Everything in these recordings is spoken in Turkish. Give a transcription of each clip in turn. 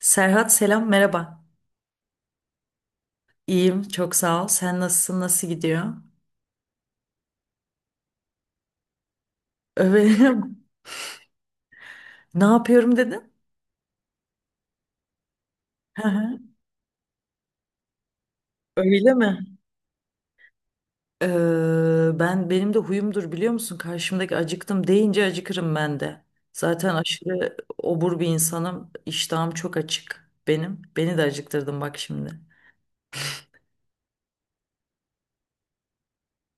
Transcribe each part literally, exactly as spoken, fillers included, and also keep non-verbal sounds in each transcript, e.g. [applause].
Serhat selam merhaba. İyiyim, çok sağ ol. Sen nasılsın? Nasıl gidiyor? Öyle [laughs] ne yapıyorum dedin? Hı hı. Öyle mi? Ee, ben benim de huyumdur, biliyor musun? Karşımdaki acıktım deyince acıkırım ben de. Zaten aşırı obur bir insanım. İştahım çok açık benim. Beni de acıktırdın bak şimdi.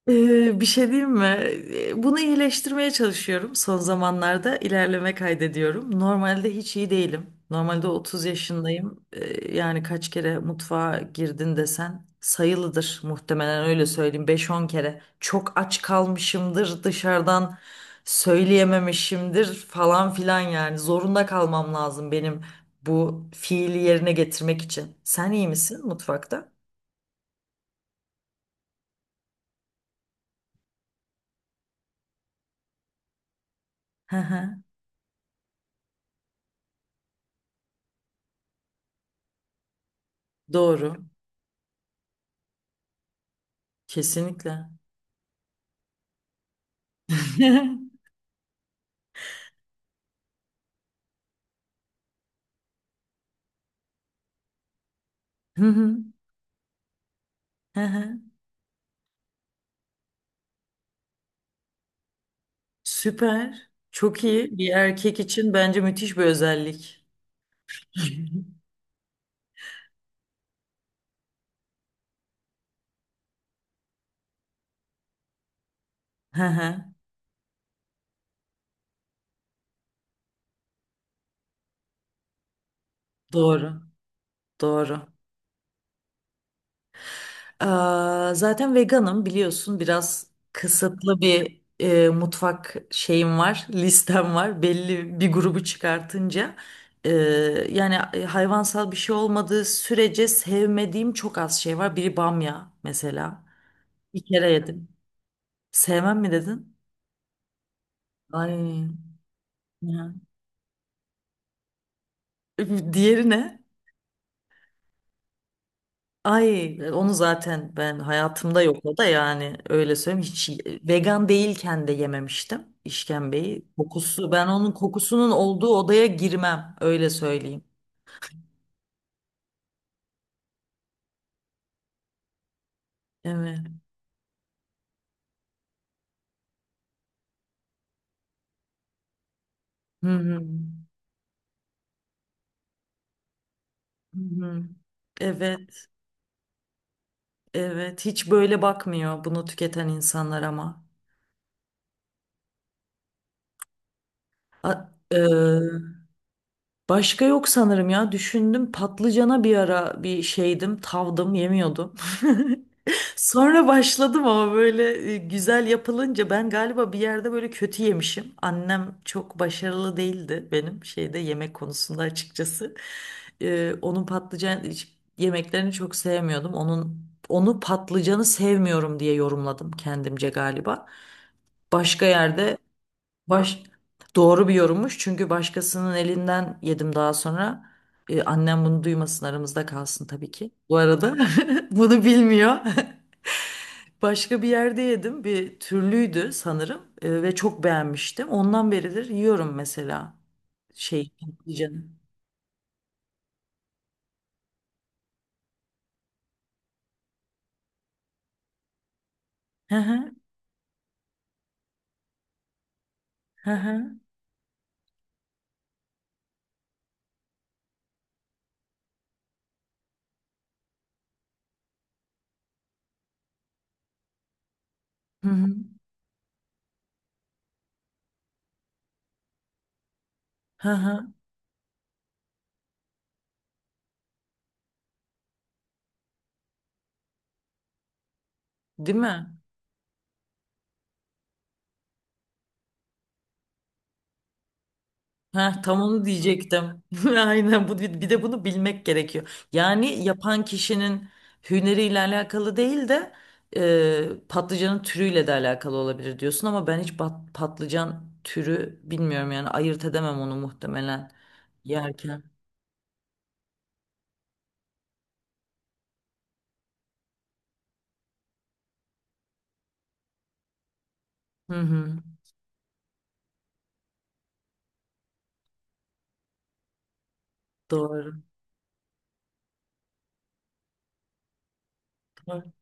Ee, bir şey diyeyim mi? Ee, Bunu iyileştirmeye çalışıyorum. Son zamanlarda ilerleme kaydediyorum. Normalde hiç iyi değilim. Normalde otuz yaşındayım. Ee, yani kaç kere mutfağa girdin desen sayılıdır muhtemelen, öyle söyleyeyim. Beş on kere. Çok aç kalmışımdır, dışarıdan söyleyememişimdir falan filan yani. Zorunda kalmam lazım benim bu fiili yerine getirmek için. Sen iyi misin mutfakta? Hı hı. Doğru. Kesinlikle. [laughs] Hı hı. Hı hı. Süper. Çok iyi. Bir erkek için bence müthiş bir özellik. [laughs] Hı hı. Doğru. Doğru. Aa, zaten veganım biliyorsun, biraz kısıtlı bir e, mutfak şeyim var, listem var. Belli bir grubu çıkartınca, e, yani e, hayvansal bir şey olmadığı sürece sevmediğim çok az şey var. Biri bamya mesela. Bir kere yedim. Sevmem mi dedin? Ay. Ya. Diğeri ne? Ay onu zaten ben hayatımda yok, o da yani, öyle söyleyeyim, hiç vegan değilken de yememiştim işkembeyi. Kokusu, ben onun kokusunun olduğu odaya girmem, öyle söyleyeyim. Evet. Hı hı. Hı hı. Evet, evet hiç böyle bakmıyor bunu tüketen insanlar ama. A- e, başka yok sanırım, ya düşündüm, patlıcana bir ara bir şeydim, tavdım, yemiyordum. [laughs] Sonra başladım ama böyle e, güzel yapılınca, ben galiba bir yerde böyle kötü yemişim. Annem çok başarılı değildi benim şeyde, yemek konusunda açıkçası. Ee, onun patlıcan yemeklerini çok sevmiyordum. Onun onu patlıcanı sevmiyorum diye yorumladım kendimce galiba. Başka yerde baş Doğru bir yorummuş, çünkü başkasının elinden yedim daha sonra. Ee, annem bunu duymasın, aramızda kalsın tabii ki. Bu arada [laughs] bunu bilmiyor. [laughs] Başka bir yerde yedim. Bir türlüydü sanırım, e, ve çok beğenmiştim. Ondan beridir yiyorum mesela, şey patlıcanı. Hı hı hı hı hı hı hı hı. Değil mi? Ha, tam onu diyecektim. [laughs] Aynen, bu bir de bunu bilmek gerekiyor. Yani yapan kişinin hüneriyle alakalı değil de, e, patlıcanın türüyle de alakalı olabilir diyorsun, ama ben hiç bat- patlıcan türü bilmiyorum yani, ayırt edemem onu muhtemelen yerken. Hı hı. Doğru. Doğru.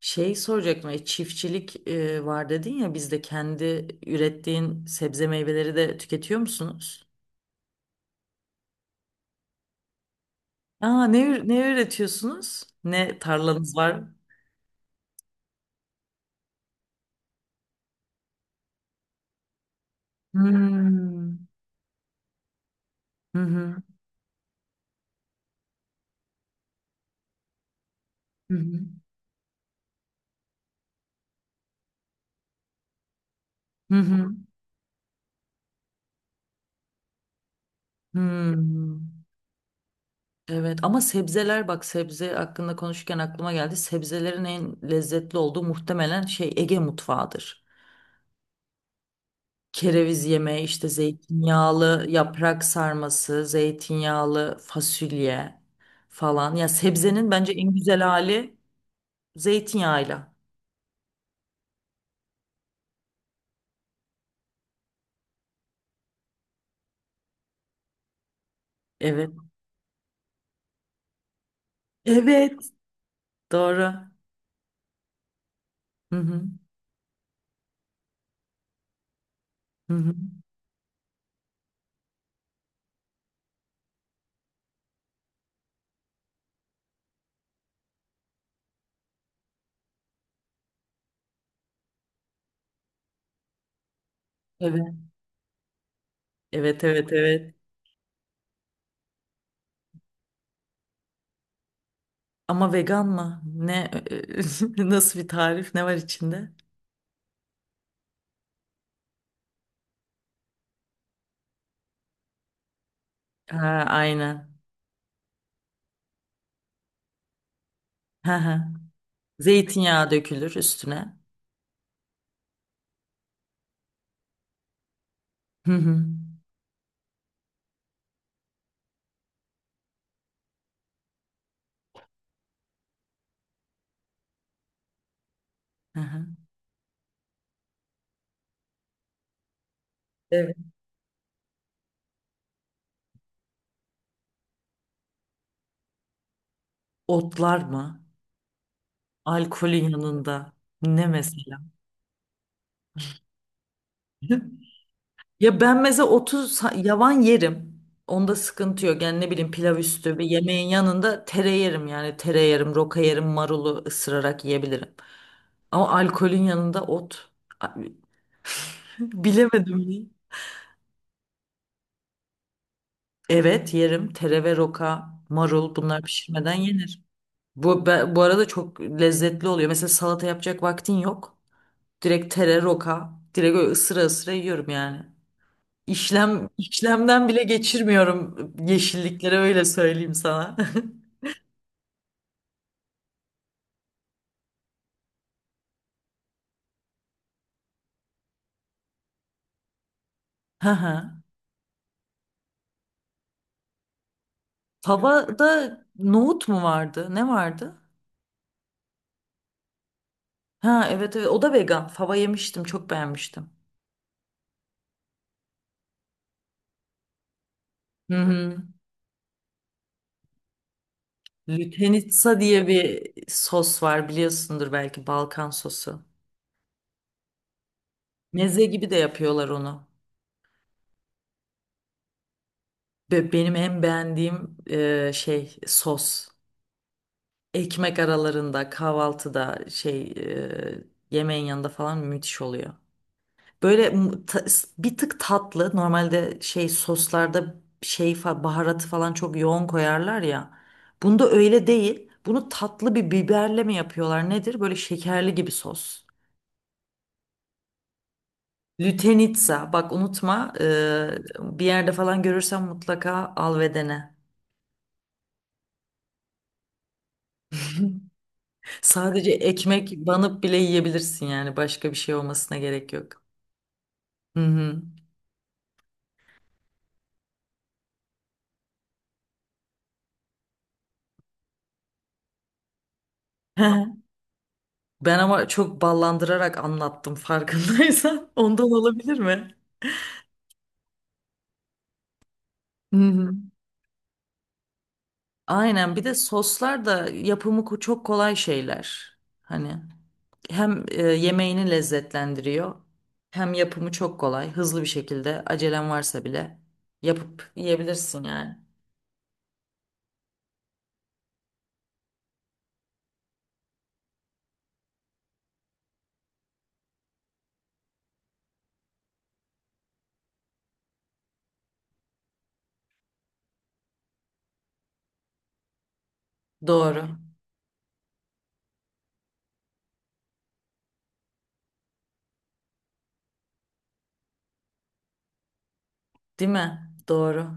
Şey soracaktım, e, çiftçilik e, var dedin ya, bizde kendi ürettiğin sebze meyveleri de tüketiyor musunuz? Aa, ne, ür- ne üretiyorsunuz? Ne tarlanız var? Hmm. Hı hı. Hı hı. Hı hı. Hmm. Evet, ama sebzeler, bak sebze hakkında konuşurken aklıma geldi. Sebzelerin en lezzetli olduğu muhtemelen şey, Ege mutfağıdır. Kereviz yemeği, işte zeytinyağlı yaprak sarması, zeytinyağlı fasulye falan. Ya sebzenin bence en güzel hali zeytinyağıyla. Evet. Evet. Doğru. Hı hı. Hı hı. Evet. Evet evet evet. Ama vegan mı? Ne [laughs] nasıl bir tarif? Ne var içinde? Ha, aynen. Hı hı. Zeytinyağı dökülür üstüne. Hı hı. Hı hı. Evet. Otlar mı? Alkolün yanında. Ne mesela? Ya ben mesela otuz yavan yerim. Onda sıkıntı yok. Yani ne bileyim, pilav üstü bir yemeğin yanında tere yerim, yani tere yerim, roka yerim, marulu ısırarak yiyebilirim. Ama alkolün yanında ot. Abi, [laughs] bilemedim ya. Evet yerim. Tere ve roka, marul, bunlar pişirmeden yenir. Bu, be- bu arada çok lezzetli oluyor. Mesela salata yapacak vaktin yok. Direkt tere, roka. Direkt öyle ısıra ısıra yiyorum yani. İşlem işlemden bile geçirmiyorum yeşilliklere öyle söyleyeyim sana. [laughs] Hı hı. Fava'da nohut mu vardı? Ne vardı? Ha evet, evet o da vegan. Fava yemiştim, çok beğenmiştim. Hı hı. Lütenitsa diye bir sos var, biliyorsundur belki, Balkan sosu. Meze gibi de yapıyorlar onu. Be- benim en beğendiğim e, şey sos. Ekmek aralarında, kahvaltıda şey e, yemeğin yanında falan müthiş oluyor. Böyle m- ta- Bir tık tatlı. Normalde şey soslarda şey fa- baharatı falan çok yoğun koyarlar ya. Bunda öyle değil. Bunu tatlı bir biberle mi yapıyorlar nedir? Böyle şekerli gibi sos. Lütenitsa, bak unutma, eee, bir yerde falan görürsen mutlaka al ve dene. Sadece ekmek banıp bile yiyebilirsin yani, başka bir şey olmasına gerek yok. Hı hı. [laughs] Ben ama çok ballandırarak anlattım farkındaysan. [laughs] Ondan olabilir mi? Hı hı. Aynen, bir de soslar, da yapımı ko- çok kolay şeyler. Hani hem e, yemeğini lezzetlendiriyor, hem yapımı çok kolay. Hızlı bir şekilde acelen varsa bile yapıp yiyebilirsin yani. Doğru. Değil mi? Doğru.